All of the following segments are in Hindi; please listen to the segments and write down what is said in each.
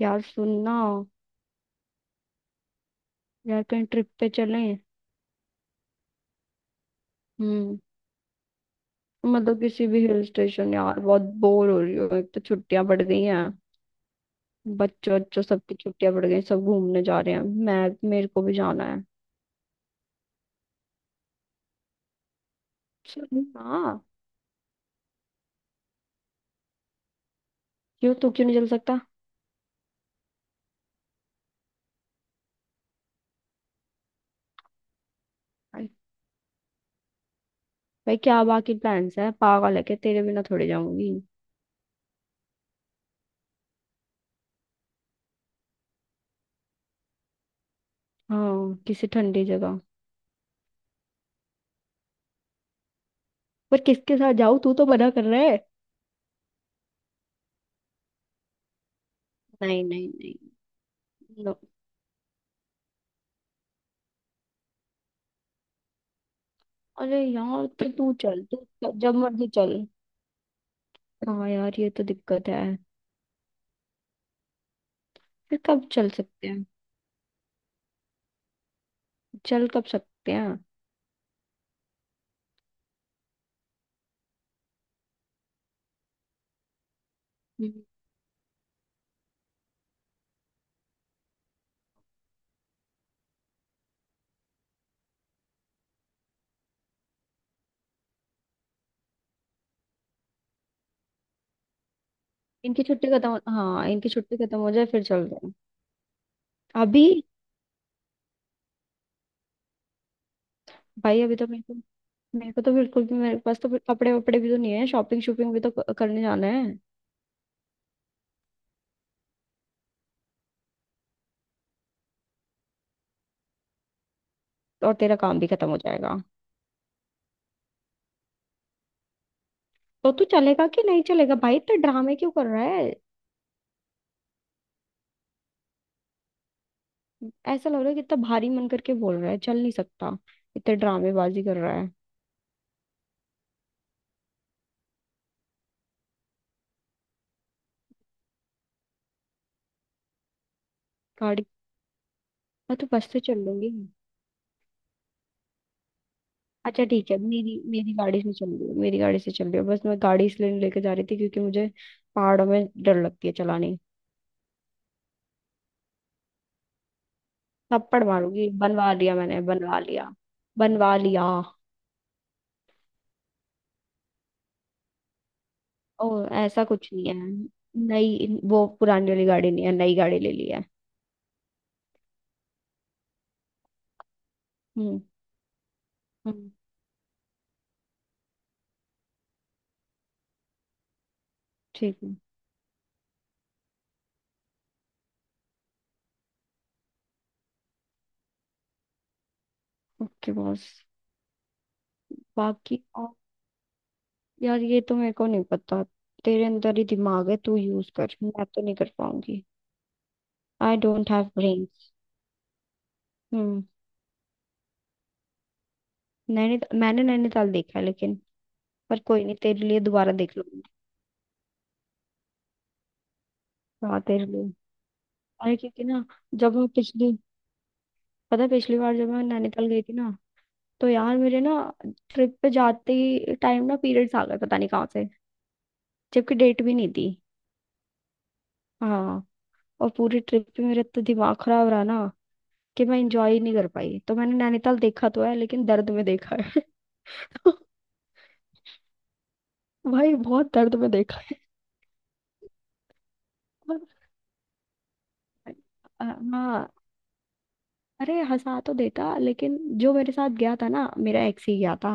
यार सुनना। यार कहीं ट्रिप पे चलें। हम्म, मतलब किसी भी हिल स्टेशन, यार बहुत बोर हो रही हूँ। एक तो छुट्टियां पड़ गई हैं। बच्चों बच्चों सबकी छुट्टियां पड़ गई, सब घूमने जा रहे हैं, मैं, मेरे को भी जाना है। चलो ना। क्यों? तू क्यों नहीं चल सकता? भाई भाई, क्या बाकी प्लान्स है? पागल है क्या? तेरे बिना थोड़े जाऊंगी। हाँ, किसी ठंडी जगह। पर किसके साथ जाऊँ? तू तो मना कर रहा है। नहीं नहीं नहीं। नो। अरे यार, तो तू चल। तू जब मर्जी चल। हाँ यार, ये तो दिक्कत है। फिर कब चल सकते हैं? चल कब सकते हैं? हम्म। इनकी छुट्टी हाँ, इनकी छुट्टी खत्म हो जाए फिर चल रहे हैं। अभी? भाई, अभी तो मेरे को तो बिल्कुल भी, मेरे पास तो फिर कपड़े वपड़े भी तो नहीं है। शॉपिंग शॉपिंग भी तो करने जाना है। और तेरा काम भी खत्म हो जाएगा। तो तू चलेगा कि नहीं चलेगा भाई? इतने ड्रामे क्यों कर रहा है? ऐसा लग रहा है कि इतना भारी मन करके बोल रहा है, चल नहीं सकता। इतने ड्रामेबाजी कर रहा है। गाड़ी? मैं तो बस से चल लूंगी। अच्छा ठीक है। मेरी मेरी गाड़ी से चल रही हो, मेरी गाड़ी से चल रही हो। बस मैं गाड़ी इसलिए नहीं लेके जा रही थी क्योंकि मुझे पहाड़ों में डर लगती है चलानी। थप्पड़ मारूंगी। बनवा लिया, मैंने बनवा लिया, बनवा लिया। ओ, ऐसा कुछ नहीं है। नई, वो पुरानी वाली गाड़ी नहीं है, नई गाड़ी ले ली है। हम्म। हम्म। ठीक है। Okay boss. बाकी और, यार ये तो मेरे को नहीं पता। तेरे अंदर ही दिमाग है, तू यूज कर, मैं तो नहीं कर पाऊंगी। I don't have brains. हम्म। नैनी, मैंने नैनीताल देखा है, लेकिन पर कोई नहीं, तेरे लिए दोबारा देख लूंगी। हाँ, तेरे लिए। अरे क्योंकि ना, जब मैं पिछली पता है, पिछली बार जब मैं नैनीताल गई थी ना, तो यार मेरे ना, ट्रिप पे जाते ही टाइम ना पीरियड्स आ गए, पता नहीं कहाँ से। जबकि डेट भी नहीं थी। हाँ। और पूरी ट्रिप पे मेरा इतना दिमाग खराब रहा ना, कि मैं इंजॉय ही नहीं कर पाई। तो मैंने नैनीताल देखा तो है लेकिन दर्द में देखा है। तो भाई, बहुत दर्द में देखा है। और, हाँ। अरे हंसा तो देता, लेकिन जो मेरे साथ गया था ना, मेरा एक्स ही गया था।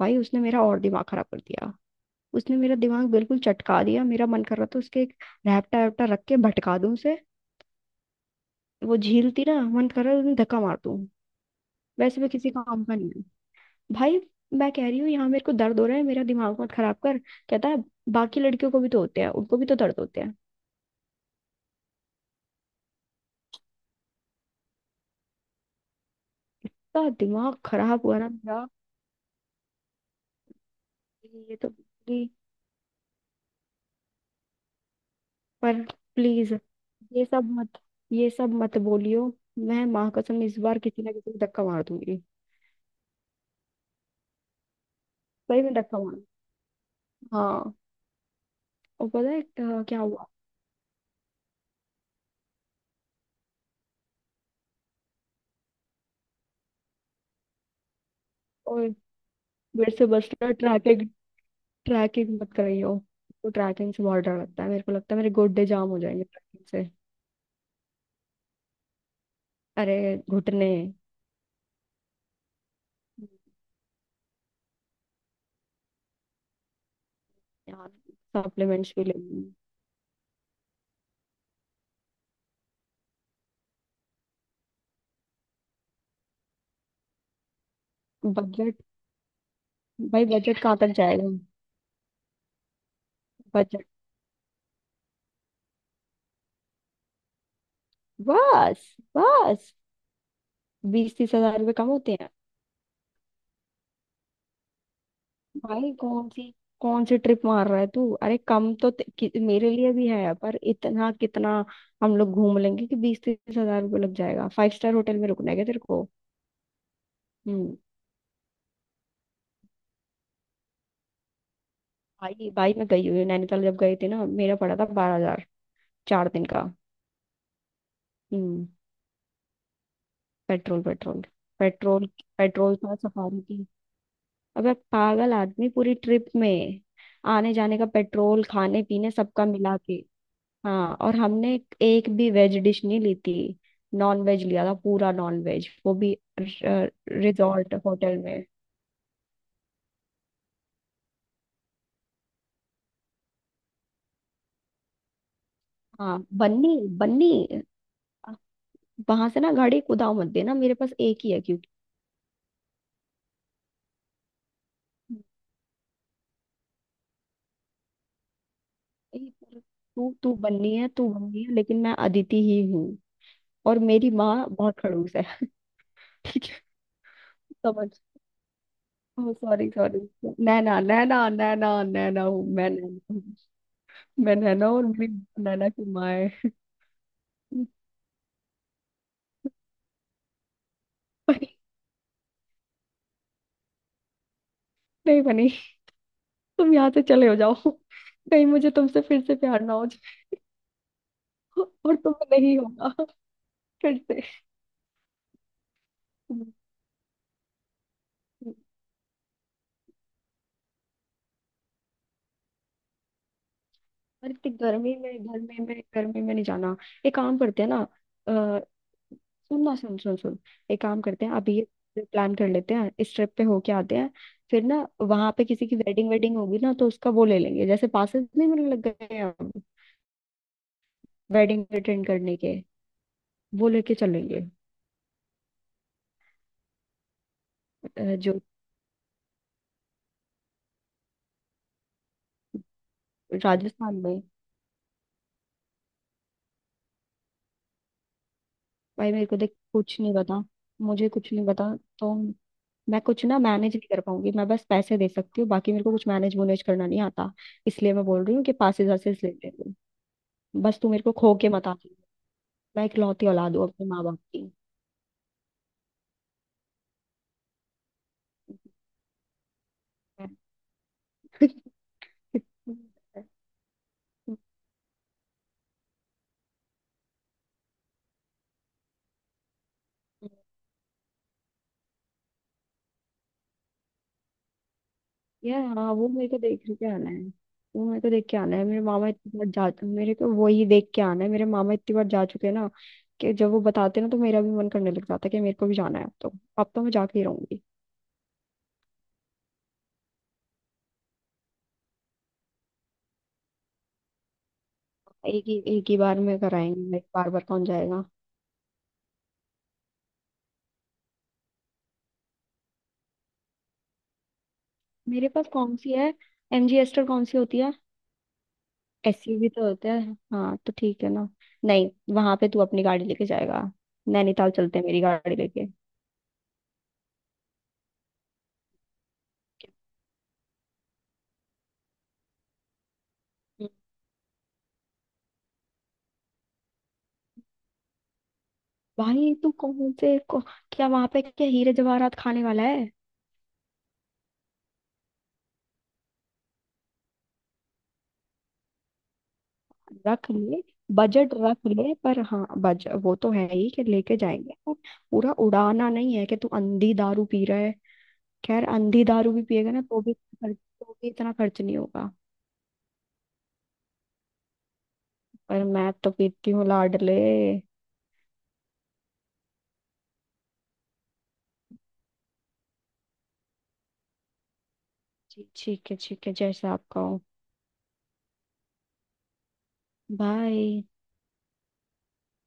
भाई उसने मेरा और दिमाग खराब कर दिया। उसने मेरा दिमाग बिल्कुल चटका दिया। मेरा मन कर रहा था उसके एक रैपटा वैपटा रख के भटका दूं उसे। वो झील थी ना, मन कर रहा था उसमें धक्का मार दूं। वैसे भी किसी काम का नहीं है भाई। मैं कह रही हूँ यहाँ मेरे को दर्द हो रहा है, मेरा दिमाग मत खराब कर। कहता है बाकी लड़कियों को भी तो होते हैं, उनको भी तो दर्द होते हैं। तो दिमाग खराब हुआ ना मेरा। ये तो पर प्लीज, ये सब मत ये सब मत बोलियो। मैं माँ कसम इस बार किसी ना किसी को धक्का मार दूंगी। सही में धक्का मार। हाँ। और पता है क्या हुआ। और मेरे से बस ना, ट्रैकिंग ट्रैकिंग मत कराइयो। तो ट्रैकिंग से बहुत डर लगता है मेरे को, लगता है मेरे गोड्डे जाम हो जाएंगे ट्रैकिंग से। अरे, घुटने। यार सप्लीमेंट्स भी लेंगे? बजट। भाई बजट कहाँ तक जाएगा? बजट। बस बस। 20-30 हजार रुपये कम होते हैं? भाई कौन सी ट्रिप मार रहा है तू? अरे कम तो मेरे लिए भी है, पर इतना कितना? हम लोग घूम लेंगे कि 20-30 हजार रुपये लग जाएगा? फाइव स्टार होटल में रुकना है क्या तेरे को? हम्म। भाई भाई मैं गई हुई हूँ, नैनीताल जब गई थी ना, मेरा पड़ा था 12 हजार, 4 दिन का। हम्म। Petrol petrol. पेट्रोल पेट्रोल था सफारी की। अबे पागल आदमी, पूरी ट्रिप में आने जाने का पेट्रोल, खाने पीने सबका मिला के। हाँ। और हमने एक भी वेज डिश नहीं ली थी, नॉन वेज लिया था, पूरा नॉन वेज, वो भी रिजॉर्ट होटल में। हाँ बन्नी। बन्नी वहां से ना गाड़ी कुदाओ मत। देना मेरे पास एक ही है क्योंकि एक और- तू तू बन्नी है, तू बन्नी है लेकिन मैं अदिति ही हूँ। और मेरी माँ बहुत खड़ूस है। ठीक है, समझ। Oh sorry sorry. Naina Naina Naina Naina हूँ, मैं नैना हूँ। मैं नैना हूँ और मेरी नैना की माँ है। नहीं बनी, तुम यहाँ से चले हो जाओ। कहीं मुझे तुमसे फिर से प्यार ना हो जाए। और तुम नहीं होगा फिर से। और इतनी गर्मी में, गर्मी में नहीं जाना। एक काम करते हैं ना। अः सुन ना, सुन सुन सुन। एक काम करते हैं अभी, ये प्लान कर लेते हैं, इस ट्रिप पे होके आते हैं। फिर ना वहां पे किसी की वेडिंग वेडिंग होगी ना तो उसका वो ले लेंगे। जैसे पासेस नहीं मिलने लग गए हैं अब, वेडिंग अटेंड करने के, वो लेके चलेंगे। जो राजस्थान में। भाई मेरे को देख, कुछ नहीं पता, मुझे कुछ नहीं पता। तो मैं कुछ ना मैनेज नहीं कर पाऊंगी। मैं बस पैसे दे सकती हूँ, बाकी मेरे को कुछ मैनेज वोनेज करना नहीं आता। इसलिए मैं बोल रही हूँ कि 5 हजार से ले ले लूँ। बस तू मेरे को खो के मत आ जाइए। मैं इकलौती औलाद हूँ अपने माँ बाप की। या हाँ, वो मेरे को देख के आना है। वो मेरे को देख के आना है मेरे मामा इतनी बार जा मेरे को वही देख के आना है। मेरे मामा इतनी बार जा चुके हैं ना, कि जब वो बताते हैं ना, तो मेरा भी मन करने लग जाता है कि मेरे को भी जाना है। अब तो, अब तो मैं जाके ही रहूंगी। एक ही बार में कराएंगे, एक बार बार कौन जाएगा? मेरे पास कौन सी है? एमजी एस्टर कौन सी होती है? एसयूवी तो होता है, हाँ तो ठीक है ना। नहीं वहां पे तू अपनी गाड़ी लेके जाएगा। नैनीताल चलते हैं मेरी गाड़ी लेके। हम्म। भाई तू कौन से को, क्या वहां पे क्या हीरे जवाहरात खाने वाला है? रख ले, बजट रख ले, पर हाँ बज वो तो है ही कि लेके जाएंगे, पर पूरा उड़ाना नहीं है, कि तू अंधी दारू पी रहा है। खैर अंधी दारू भी पिएगा ना तो भी तो भी इतना खर्च नहीं होगा। पर मैं तो पीती हूँ लाडले। जी ठीक है, ठीक है जैसा आपका हो। बाय।